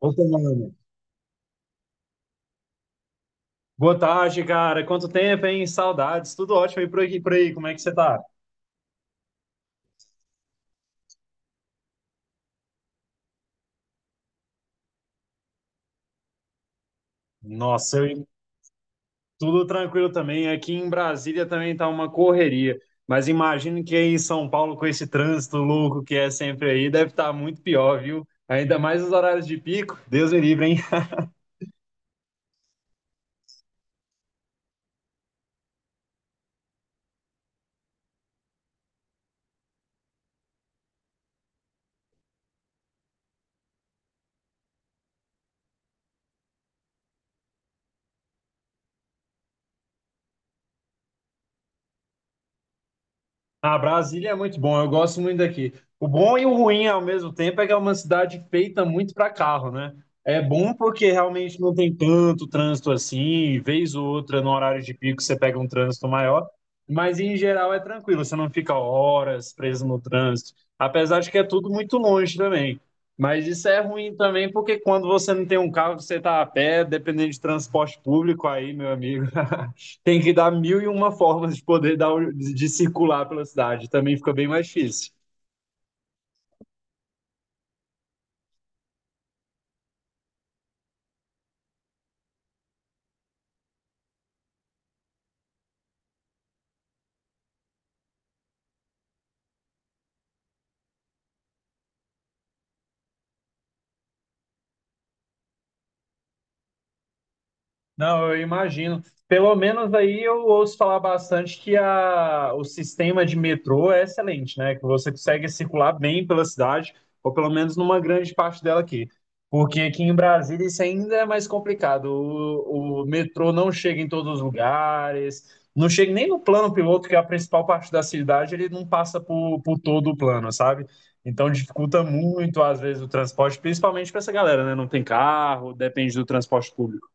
Boa tarde. Boa tarde, cara. Quanto tempo, hein? Saudades. Tudo ótimo aí por aqui, por aí. Como é que você tá? Nossa, tudo tranquilo também. Aqui em Brasília também tá uma correria. Mas imagino que aí em São Paulo, com esse trânsito louco que é sempre aí, deve estar muito pior, viu? Ainda mais nos horários de pico. Deus me livre, hein? Ah, Brasília é muito bom, eu gosto muito daqui. O bom e o ruim ao mesmo tempo é que é uma cidade feita muito para carro, né? É bom porque realmente não tem tanto trânsito assim, vez ou outra no horário de pico você pega um trânsito maior, mas em geral é tranquilo, você não fica horas preso no trânsito, apesar de que é tudo muito longe também. Mas isso é ruim também porque quando você não tem um carro, você tá a pé, dependendo de transporte público aí, meu amigo. Tem que dar mil e uma formas de poder dar, um, de circular pela cidade. Também fica bem mais difícil. Não, eu imagino. Pelo menos aí eu ouço falar bastante que o sistema de metrô é excelente, né? Que você consegue circular bem pela cidade, ou pelo menos numa grande parte dela aqui. Porque aqui em Brasília isso ainda é mais complicado. O metrô não chega em todos os lugares, não chega nem no plano piloto, que é a principal parte da cidade, ele não passa por todo o plano, sabe? Então dificulta muito, às vezes, o transporte, principalmente para essa galera, né? Não tem carro, depende do transporte público.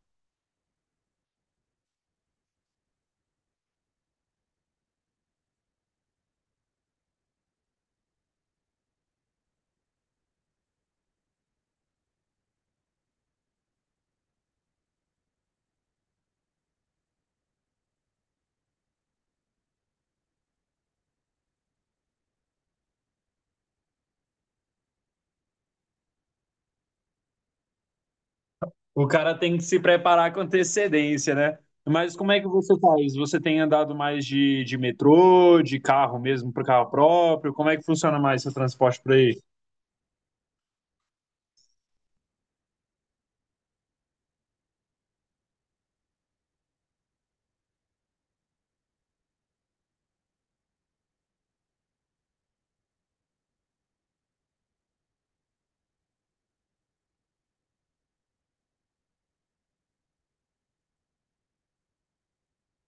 O cara tem que se preparar com antecedência, né? Mas como é que você faz? Você tem andado mais de metrô, de carro mesmo, para carro próprio? Como é que funciona mais seu transporte por aí?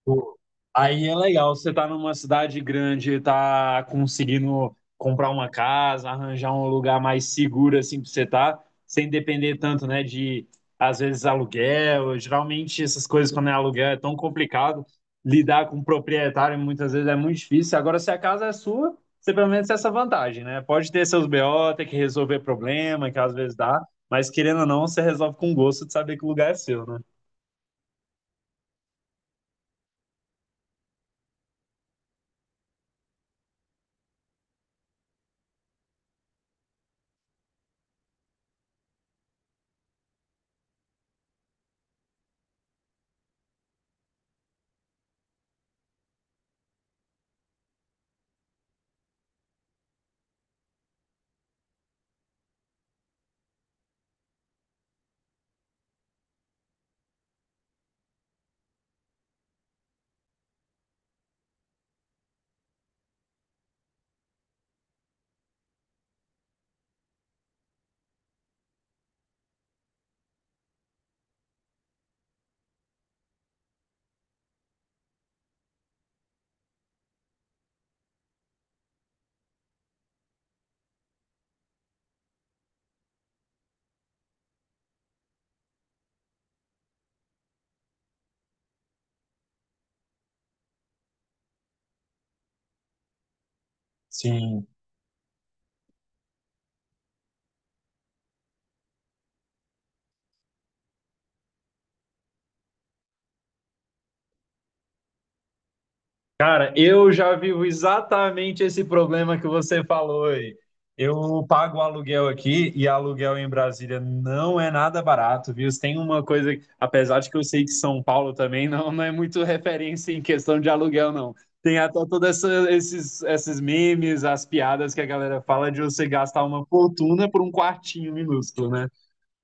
Pô, aí é legal, você tá numa cidade grande, tá conseguindo comprar uma casa, arranjar um lugar mais seguro assim pra você tá, sem depender tanto, né, de às vezes aluguel. Geralmente essas coisas quando é aluguel é tão complicado lidar com o proprietário, muitas vezes é muito difícil. Agora se a casa é sua, você pelo menos tem essa vantagem, né? Pode ter seus BO, ter que resolver problema, que às vezes dá, mas querendo ou não, você resolve com gosto de saber que o lugar é seu, né? Sim. Cara, eu já vivo exatamente esse problema que você falou aí. Eu pago aluguel aqui e aluguel em Brasília não é nada barato, viu? Tem uma coisa, apesar de que eu sei que São Paulo também não é muito referência em questão de aluguel, não. Tem até todos esses memes, as piadas que a galera fala de você gastar uma fortuna por um quartinho minúsculo, né?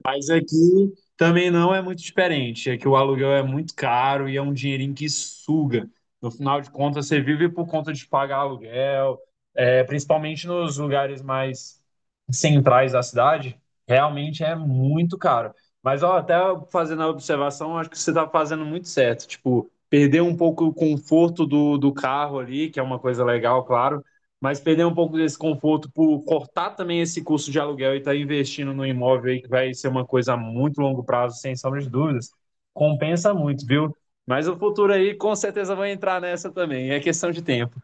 Mas aqui também não é muito diferente. É que o aluguel é muito caro e é um dinheirinho que suga. No final de contas, você vive por conta de pagar aluguel, é, principalmente nos lugares mais centrais da cidade, realmente é muito caro. Mas ó, até fazendo a observação, acho que você está fazendo muito certo. Tipo, perder um pouco o conforto do, do carro ali, que é uma coisa legal, claro, mas perder um pouco desse conforto por cortar também esse custo de aluguel e estar tá investindo no imóvel aí, que vai ser uma coisa a muito longo prazo, sem sombra de dúvidas, compensa muito, viu? Mas o futuro aí com certeza vai entrar nessa também, é questão de tempo.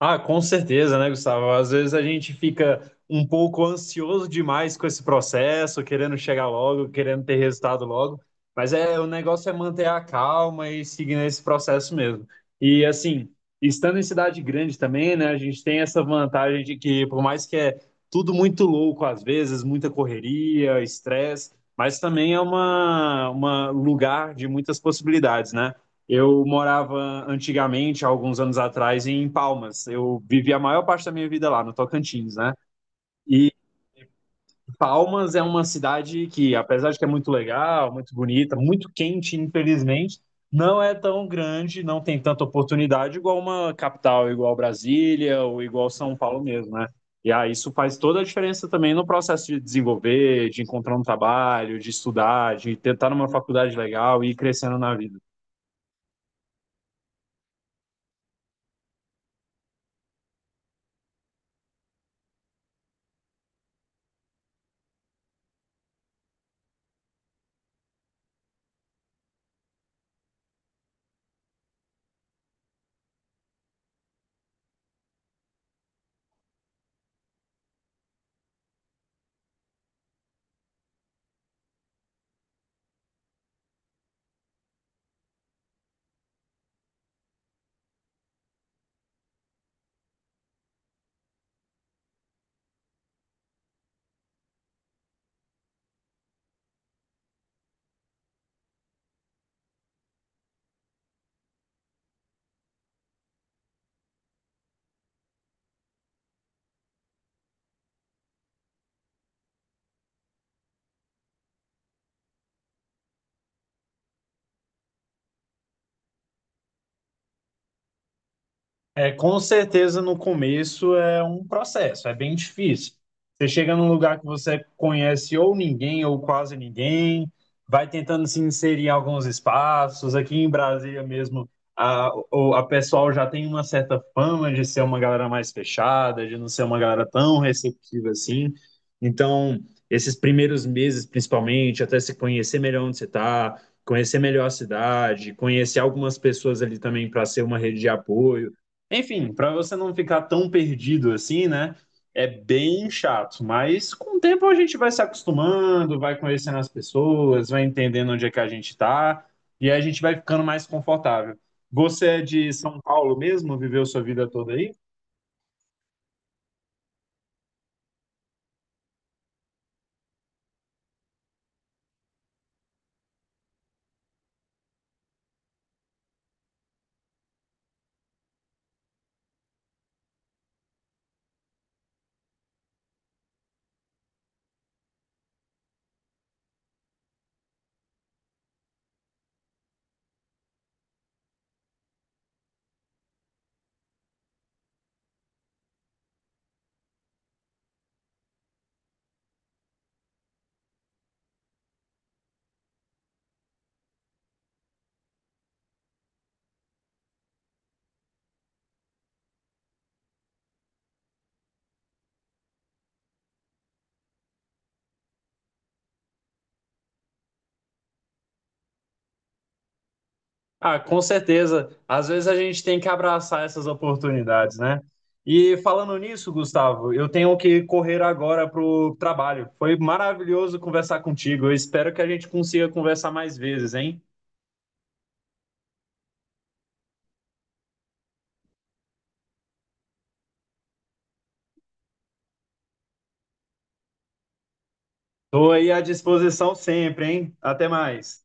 Ah, com certeza, né, Gustavo? Às vezes a gente fica um pouco ansioso demais com esse processo, querendo chegar logo, querendo ter resultado logo, mas é o negócio é manter a calma e seguir nesse processo mesmo. E assim, estando em cidade grande também, né, a gente tem essa vantagem de que por mais que é tudo muito louco às vezes, muita correria, estresse, mas também é uma lugar de muitas possibilidades, né? Eu morava antigamente, há alguns anos atrás, em Palmas. Eu vivi a maior parte da minha vida lá, no Tocantins, né? E Palmas é uma cidade que, apesar de que é muito legal, muito bonita, muito quente, infelizmente, não é tão grande, não tem tanta oportunidade igual uma capital, igual Brasília ou igual São Paulo mesmo, né? E aí isso faz toda a diferença também no processo de desenvolver, de encontrar um trabalho, de estudar, de tentar numa faculdade legal e ir crescendo na vida. É, com certeza no começo é um processo, é bem difícil. Você chega num lugar que você conhece ou ninguém ou quase ninguém, vai tentando se inserir em alguns espaços. Aqui em Brasília mesmo, a pessoal já tem uma certa fama de ser uma galera mais fechada, de não ser uma galera tão receptiva assim. Então, esses primeiros meses, principalmente, até se conhecer melhor onde você está, conhecer melhor a cidade, conhecer algumas pessoas ali também para ser uma rede de apoio. Enfim, para você não ficar tão perdido assim, né? É bem chato, mas com o tempo a gente vai se acostumando, vai conhecendo as pessoas, vai entendendo onde é que a gente está e aí a gente vai ficando mais confortável. Você é de São Paulo mesmo? Viveu sua vida toda aí? Ah, com certeza. Às vezes a gente tem que abraçar essas oportunidades, né? E falando nisso, Gustavo, eu tenho que correr agora pro trabalho. Foi maravilhoso conversar contigo. Eu espero que a gente consiga conversar mais vezes, hein? Estou aí à disposição sempre, hein? Até mais.